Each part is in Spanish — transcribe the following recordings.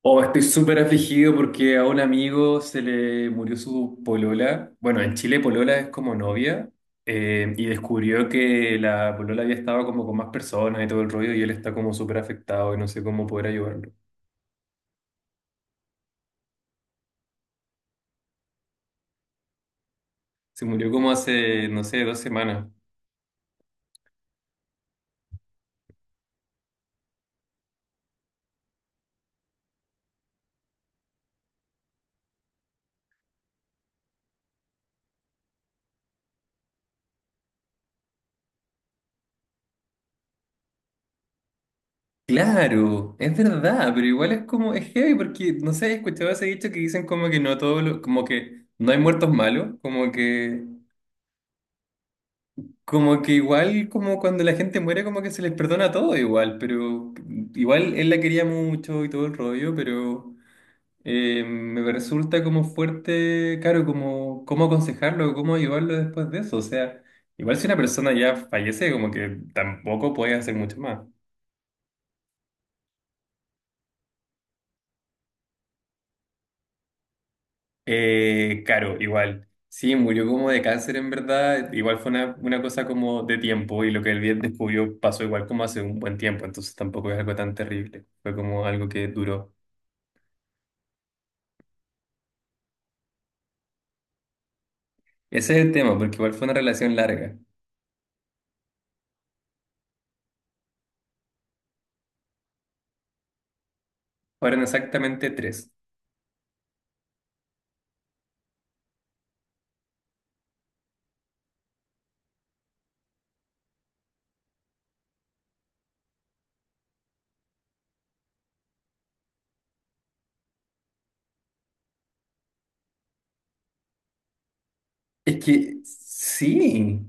Oh, estoy súper afligido porque a un amigo se le murió su polola. Bueno, en Chile polola es como novia. Y descubrió que la polola había estado como con más personas y todo el rollo y él está como súper afectado y no sé cómo poder ayudarlo. Se murió como hace, no sé, dos semanas. Claro, es verdad, pero igual es como, es heavy porque, no sé, he escuchado ese dicho que dicen como que no todo lo, como que no hay muertos malos, como que. Como que igual, como cuando la gente muere, como que se les perdona todo igual, pero igual él la quería mucho y todo el rollo, pero me resulta como fuerte, claro, como cómo aconsejarlo, cómo ayudarlo después de eso. O sea, igual si una persona ya fallece, como que tampoco puedes hacer mucho más. Claro, igual. Sí, murió como de cáncer en verdad, igual fue una cosa como de tiempo y lo que él bien descubrió pasó igual como hace un buen tiempo, entonces tampoco es algo tan terrible, fue como algo que duró. Ese es el tema, porque igual fue una relación larga. Fueron exactamente tres. Es que sí,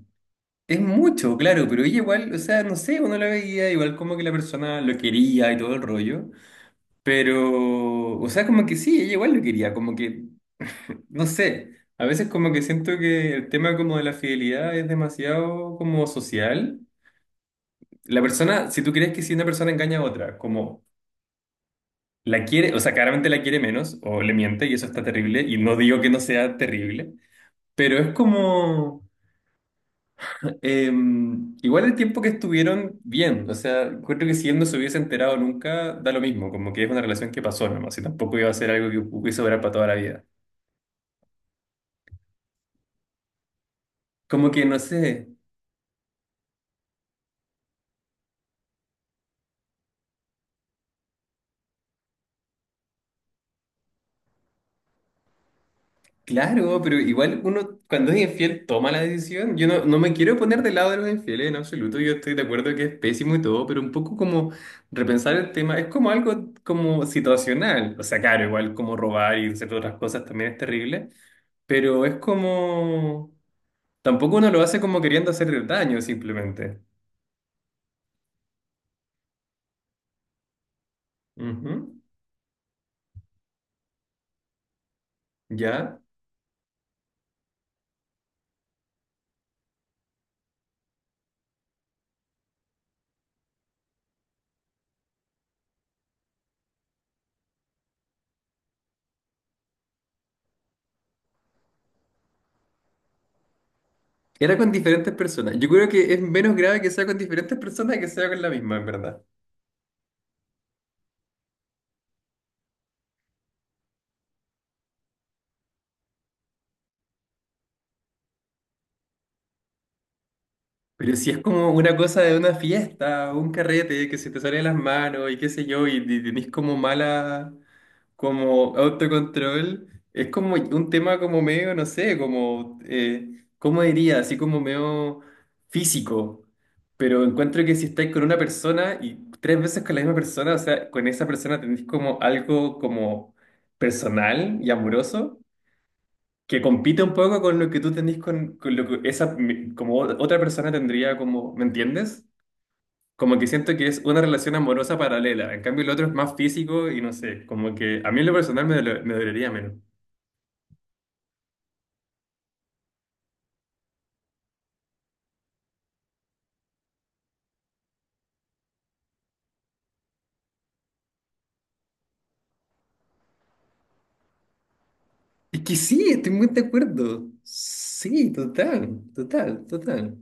es mucho, claro, pero ella igual, o sea, no sé, uno la veía igual como que la persona lo quería y todo el rollo, pero, o sea, como que sí, ella igual lo quería, como que, no sé, a veces como que siento que el tema como de la fidelidad es demasiado como social. La persona, si tú crees que si una persona engaña a otra, como la quiere, o sea, claramente la quiere menos o le miente y eso está terrible y no digo que no sea terrible. Pero es como, igual el tiempo que estuvieron bien, o sea, creo que si él no se hubiese enterado nunca, da lo mismo, como que es una relación que pasó nomás, y tampoco iba a ser algo que hubiese durar para toda la vida. Como que no sé, claro, pero igual uno cuando es infiel toma la decisión, yo no, no me quiero poner del lado de los infieles en absoluto, yo estoy de acuerdo que es pésimo y todo, pero un poco como repensar el tema, es como algo como situacional, o sea, claro, igual como robar y hacer otras cosas también es terrible, pero es como. Tampoco uno lo hace como queriendo hacer daño, simplemente. Ujú. Ya. Era con diferentes personas. Yo creo que es menos grave que sea con diferentes personas que sea con la misma, en verdad. Pero si es como una cosa de una fiesta, un carrete que se te sale de las manos y qué sé yo, y tenés como mala. Como autocontrol, es como un tema como medio, no sé, como, ¿cómo diría? Así como medio físico. Pero encuentro que si estáis con una persona y tres veces con la misma persona, o sea, con esa persona tenéis como algo como personal y amoroso, que compite un poco con lo que tú tenés con lo que esa, como otra persona tendría como, ¿me entiendes? Como que siento que es una relación amorosa paralela. En cambio, el otro es más físico y no sé. Como que a mí en lo personal me dolería menos. Es que sí, estoy muy de acuerdo. Sí, total, total, total.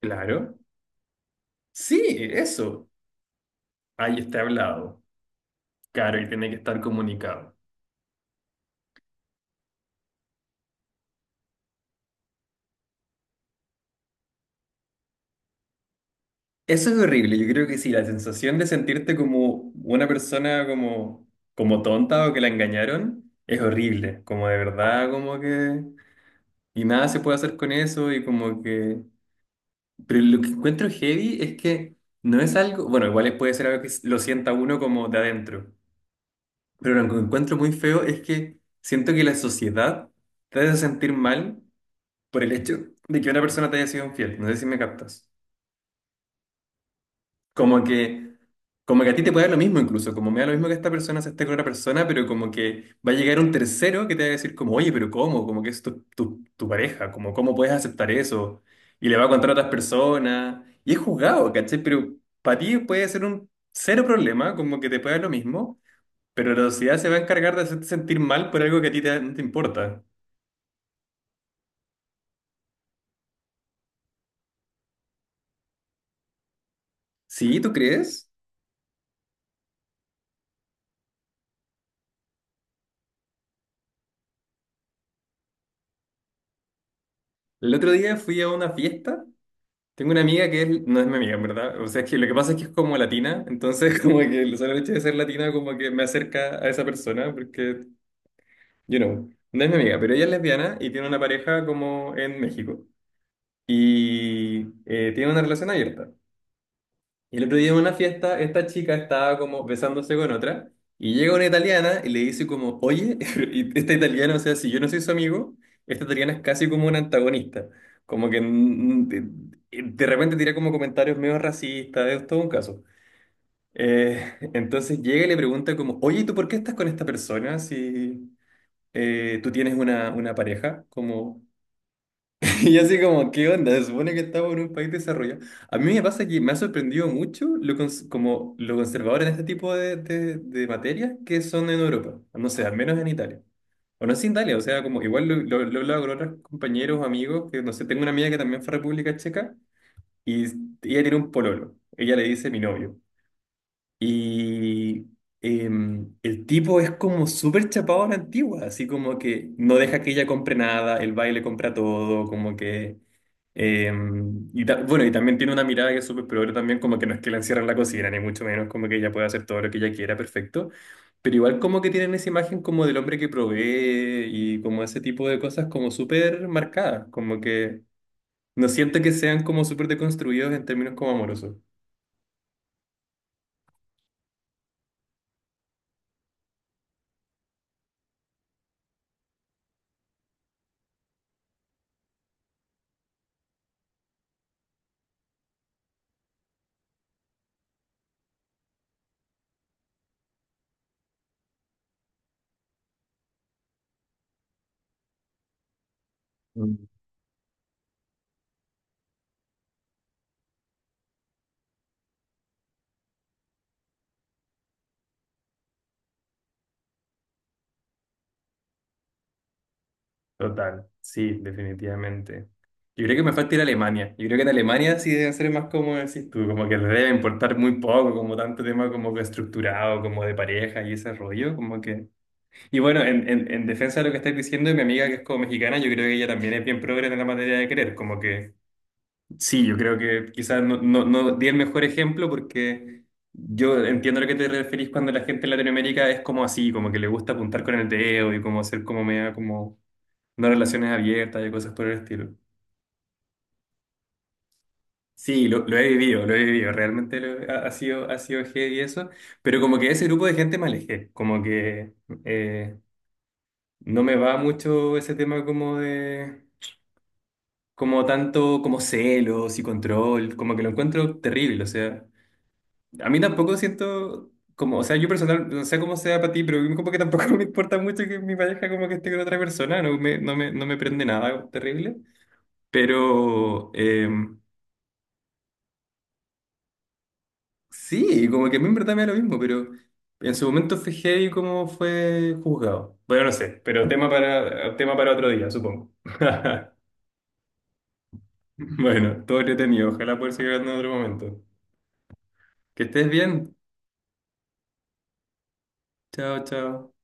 Claro. Sí, eso. Ahí está hablado. Claro, y tiene que estar comunicado. Eso es horrible. Yo creo que sí, la sensación de sentirte como una persona como tonta o que la engañaron es horrible. Como de verdad, como que. Y nada se puede hacer con eso y como que. Pero lo que encuentro heavy es que no es algo, bueno, igual puede ser algo que lo sienta uno como de adentro, pero lo que encuentro muy feo es que siento que la sociedad te hace sentir mal por el hecho de que una persona te haya sido infiel. No sé si me captas. Como que, como que a ti te puede dar lo mismo incluso, como me da lo mismo que esta persona se esté con otra persona, pero como que va a llegar un tercero que te va a decir como, oye, pero ¿cómo? Como que es tu pareja, como, ¿cómo puedes aceptar eso? Y le va a contar a otras personas. Y es juzgado, ¿cachai? Pero para ti puede ser un cero problema, como que te puede dar lo mismo, pero la sociedad se va a encargar de hacerte sentir mal por algo que a ti no te importa. ¿Sí? ¿Tú crees? El otro día fui a una fiesta. Tengo una amiga que no es mi amiga, en verdad. O sea, es que lo que pasa es que es como latina, entonces como que el solo hecho de ser latina como que me acerca a esa persona, porque, no es mi amiga, pero ella es lesbiana y tiene una pareja como en México. Y tiene una relación abierta. Y el otro día en una fiesta, esta chica estaba como besándose con otra y llega una italiana y le dice como, oye, y esta italiana, o sea, si yo no soy su amigo, esta italiana es casi como una antagonista, como que de repente tira como comentarios medio racistas, es todo un caso. Eh, entonces llega y le pregunta como, oye, ¿y tú por qué estás con esta persona si tú tienes una pareja? Como, y así como, ¿qué onda? Se supone que estamos en un país desarrollado. A mí me pasa que me ha sorprendido mucho lo como lo conservador en este tipo de materias que son en Europa. No sé, al menos en Italia. O no es Italia, o sea, como igual lo he hablado con otros compañeros, amigos, que no sé, tengo una amiga que también fue a República Checa y ella tiene un pololo. Ella le dice mi novio. Y el tipo es como súper chapado a la antigua, así como que no deja que ella compre nada, el baile compra todo, como que. Bueno, y también tiene una mirada que es súper progre también, como que no es que la encierran en la cocina, ni mucho menos, como que ella puede hacer todo lo que ella quiera, perfecto. Pero igual como que tienen esa imagen como del hombre que provee y como ese tipo de cosas como súper marcadas, como que no siento que sean como súper deconstruidos en términos como amorosos. Total, sí, definitivamente. Yo creo que me falta ir a Alemania. Yo creo que en Alemania sí deben ser más como decís tú, como que les debe importar muy poco, como tanto tema como que estructurado, como de pareja y ese rollo, como que. Y bueno, en defensa de lo que estáis diciendo, mi amiga que es como mexicana, yo creo que ella también es bien progre en la materia de querer, como que sí, yo creo que quizás no, no, no di el mejor ejemplo porque. Yo entiendo a lo que te referís cuando la gente en Latinoamérica es como así, como que le gusta apuntar con el dedo y como ser como media como no relaciones abiertas y cosas por el estilo. Sí, lo he vivido, lo he vivido, realmente lo ha sido, ha sido heavy eso, pero como que de ese grupo de gente me alejé, como que eh, no me va mucho ese tema como de, como tanto como celos y control, como que lo encuentro terrible, o sea, a mí tampoco siento como, o sea, yo personal, no sé cómo sea para ti, pero como que tampoco me importa mucho que mi pareja como que esté con otra persona, no me prende nada terrible, pero sí, como que a mí en verdad me da lo mismo, pero en su momento fue heavy cómo fue juzgado. Bueno, no sé, pero tema para otro día, supongo. Bueno, todo entretenido. Ojalá poder seguir hablando en otro momento. Que estés bien. Chao, chao.